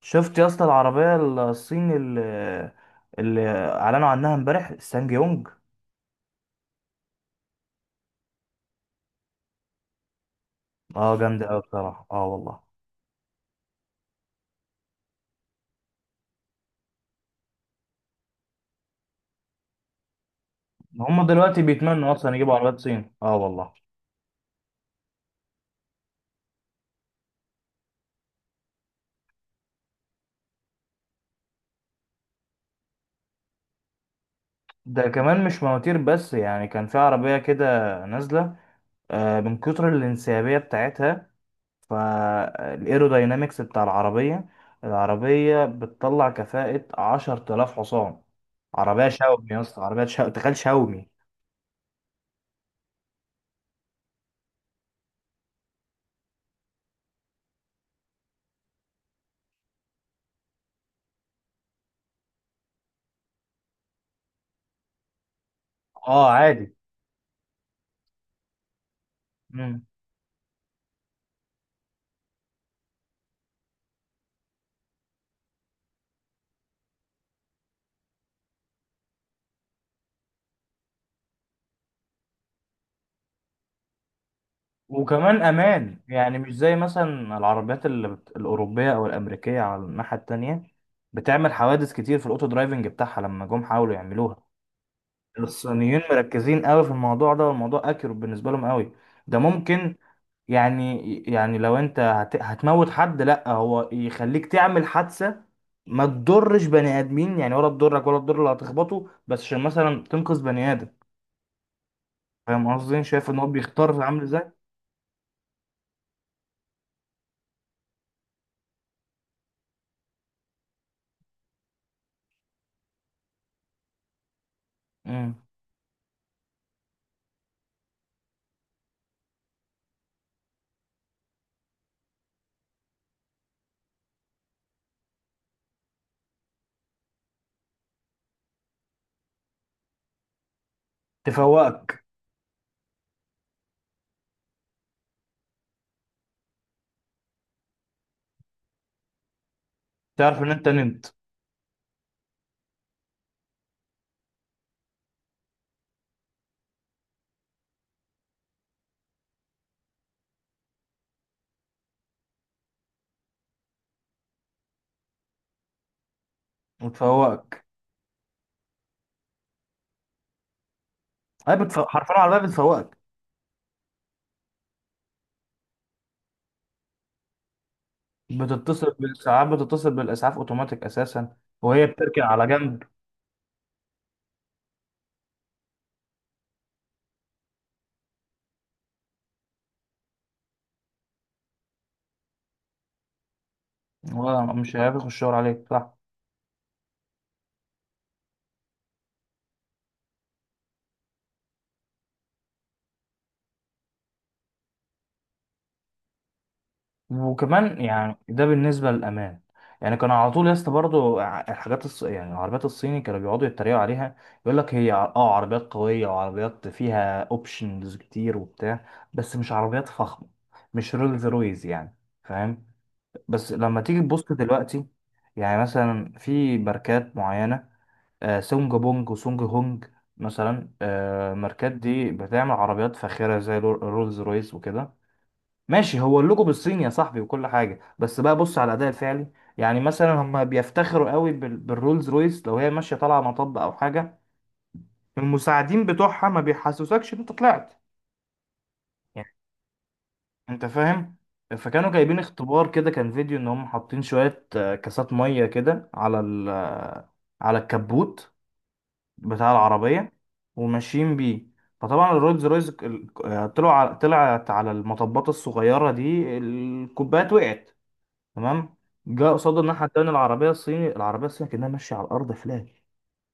شفت يا اسطى العربية الصيني اللي اعلنوا عنها امبارح سانج يونج. اه جامدة اوي بصراحة، اه والله. هم دلوقتي بيتمنوا اصلا يجيبوا عربيات صين، اه والله. ده كمان مش مواتير بس، يعني كان في عربية كده نازلة، من كتر الانسيابية بتاعتها، فالايروداينامكس بتاع العربية، العربية بتطلع كفاءة 10,000 حصان. عربية شاومي يا اسطى، عربية شاومي، تخيل شاومي. اه عادي. وكمان امان، يعني مش زي مثلا العربيات الاوروبيه او الامريكيه على الناحيه التانية، بتعمل حوادث كتير في الاوتو درايفنج بتاعها لما جم حاولوا يعملوها. الصينيين مركزين قوي في الموضوع ده، والموضوع اكيرو بالنسبه لهم قوي. ده ممكن يعني، لو انت هتموت حد، لا، هو يخليك تعمل حادثه ما تضرش بني ادمين، يعني ولا تضرك ولا تضر اللي هتخبطه، بس عشان مثلا تنقذ بني ادم. فاهم قصدي؟ شايف ان هو بيختار عامل ازاي. مم. تفوقك. تعرف ان انت نمت. وتفوقك. حرفيا العربيه بتفوقك. بتتصل بالاسعاف، بتتصل بالاسعاف اوتوماتيك اساسا، وهي بتركن على جنب. ومش هياخد الشاور عليك، صح؟ وكمان يعني ده بالنسبه للامان. يعني كان على طول يا اسطى برضه يعني العربيات الصيني كانوا بيقعدوا يتريقوا عليها. يقول لك هي اه عربيات قويه، وعربيات فيها اوبشنز كتير وبتاع، بس مش عربيات فخمه، مش رولز رويز يعني، فاهم؟ بس لما تيجي تبص دلوقتي، يعني مثلا في ماركات معينة، آه سونج بونج وسونج هونج، مثلا آه الماركات دي بتعمل عربيات فاخرة زي رولز رويس وكده. ماشي، هو اللوجو بالصيني يا صاحبي وكل حاجة، بس بقى بص على الأداء الفعلي. يعني مثلا هم بيفتخروا قوي بالرولز رويس. لو هي ماشية طالعة مطب أو حاجة، المساعدين بتوعها ما بيحسسكش إن أنت طلعت. انت فاهم؟ فكانوا جايبين اختبار كده، كان فيديو ان هم حاطين شوية كاسات مية كده على ال آه، على الكبوت بتاع العربية، وماشيين بيه. فطبعا الرولز رويز طلعت على المطبات الصغيرة دي، الكوبايات وقعت. تمام. جاء قصاد الناحية التانية العربية الصيني، العربية الصيني كأنها ماشية على الأرض فلاج،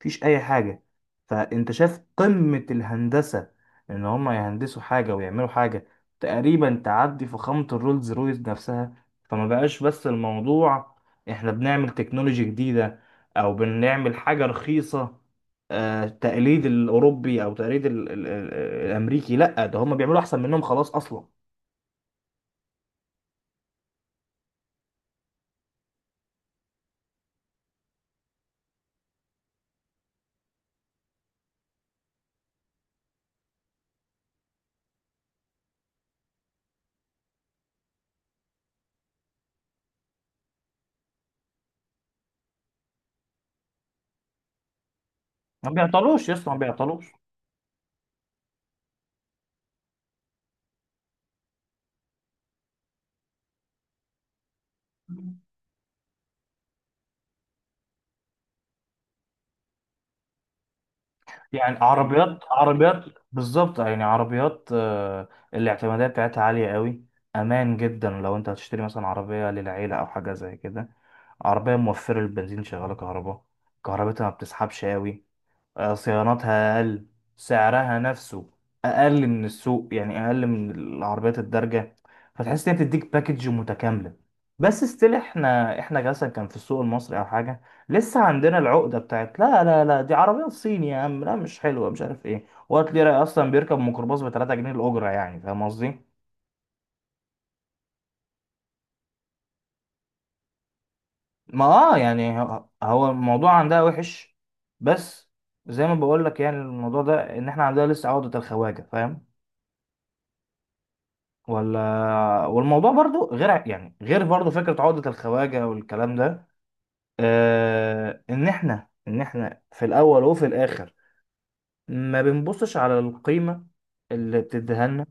مفيش اي حاجه. فانت شايف قمه الهندسه، ان هم يهندسوا حاجه ويعملوا حاجه تقريبا تعدي فخامه الرولز رويس نفسها. فما بقاش بس الموضوع احنا بنعمل تكنولوجي جديده او بنعمل حاجه رخيصه، تقليد الاوروبي او تقليد ال الامريكي. لا، ده هم بيعملوا احسن منهم خلاص اصلا. ما بيعطلوش يا اسطى، ما بيعطلوش. يعني عربيات، عربيات بالظبط، يعني عربيات الاعتمادية بتاعتها عالية قوي. أمان جدا. لو أنت هتشتري مثلا عربية للعيلة أو حاجة زي كده، عربية موفرة البنزين، شغالة كهرباء، كهربتها ما بتسحبش قوي، صيانتها أقل، سعرها نفسه أقل من السوق، يعني أقل من العربيات الدارجة. فتحس إن هي بتديك باكج متكاملة. بس ستيل إحنا مثلا، كان في السوق المصري أو حاجة، لسه عندنا العقدة بتاعت لا لا لا، دي عربية صيني يا عم، لا مش حلوة، مش عارف إيه، وقت لي رأي أصلا بيركب ميكروباص ب 3 جنيه الأجرة، يعني فاهم قصدي؟ ما يعني هو الموضوع عندها وحش. بس زي ما بقول لك، يعني الموضوع ده إن إحنا عندنا لسه عقدة الخواجة، فاهم؟ ولا. والموضوع برضو غير يعني غير برضو فكرة عقدة الخواجة والكلام ده. آه، ان احنا في الاول وفي الاخر ما بنبصش على القيمة اللي بتديها لنا.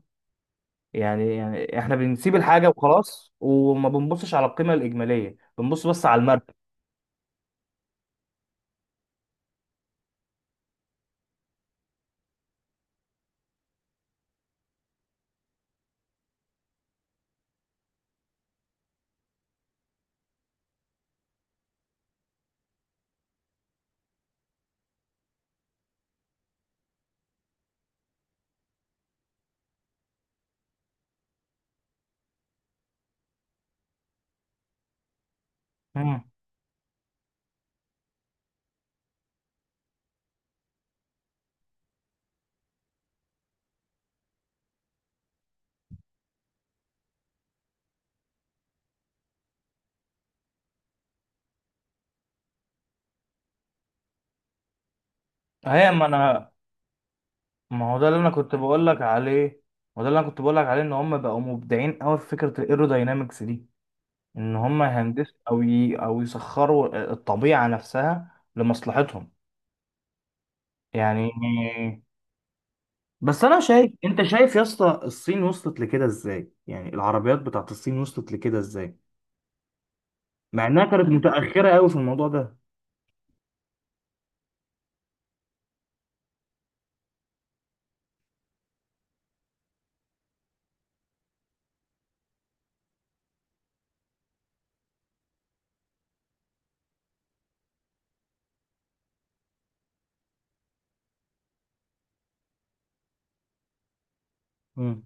يعني احنا بنسيب الحاجة وخلاص، وما بنبصش على القيمة الإجمالية، بنبص بس على المركب. مم. هي ما انا. ما هو ده اللي انا كنت بقول لك عليه. ما ده اللي انا كنت بقول لك عليه، ان هم بقوا مبدعين قوي في فكرة الايروداينامكس دي. ان هم يهندسوا او يسخروا الطبيعه نفسها لمصلحتهم، يعني. بس انا شايف، انت شايف يا اسطى الصين وصلت لكده ازاي؟ يعني العربيات بتاعت الصين وصلت لكده ازاي، مع انها كانت متاخره قوي في الموضوع ده؟ مم.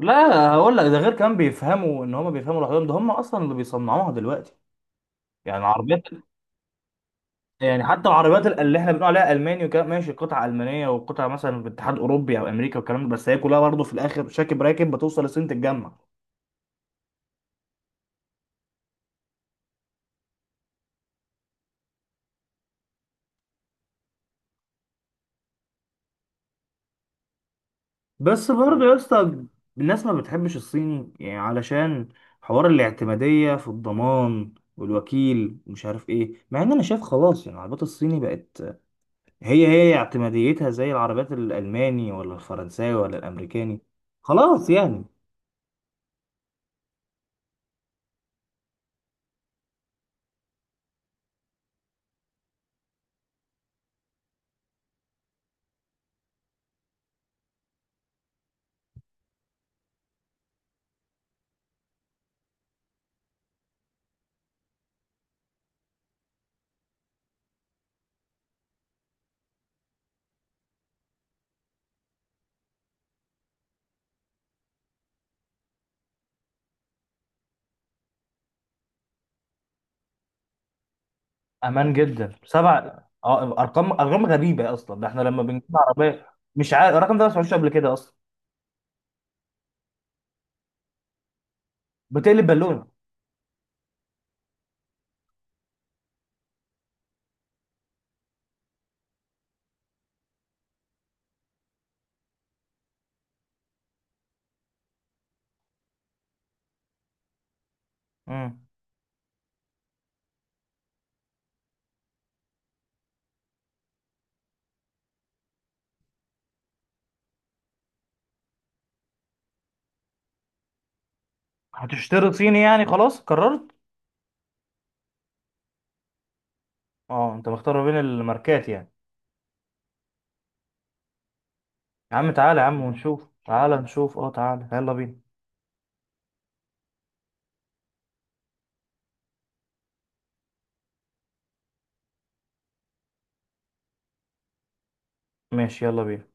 لا هقول لك، ده غير كمان بيفهموا، ان هم بيفهموا لوحدهم، ده هم اصلا اللي بيصنعوها دلوقتي، يعني العربيات. يعني حتى العربيات اللي احنا بنقول عليها الماني وكده، ماشي قطع المانيه وقطع مثلا في اتحاد اوروبي او امريكا والكلام ده، بس هي كلها برضه في الاخر شاكب راكب بتوصل الصين تتجمع. بس برضه يا اسطى الناس ما بتحبش الصيني يعني، علشان حوار الاعتمادية في الضمان والوكيل ومش عارف ايه، مع ان انا شايف خلاص يعني العربيات الصيني بقت، هي اعتماديتها زي العربيات الالماني ولا الفرنساوي ولا الامريكاني. خلاص يعني. امان جدا، 7. اه ارقام، ارقام غريبه اصلا، ده احنا لما بنجيب عربيه مش عارف الرقم ده، ما سمعتوش قبل كده اصلا. بتقلب بالونه. امم هتشتري صيني يعني، خلاص قررت؟ اه انت مختار ما بين الماركات يعني. يا عم تعالى يا عم ونشوف، تعالى نشوف، اه تعالى يلا بينا. ماشي يلا بينا.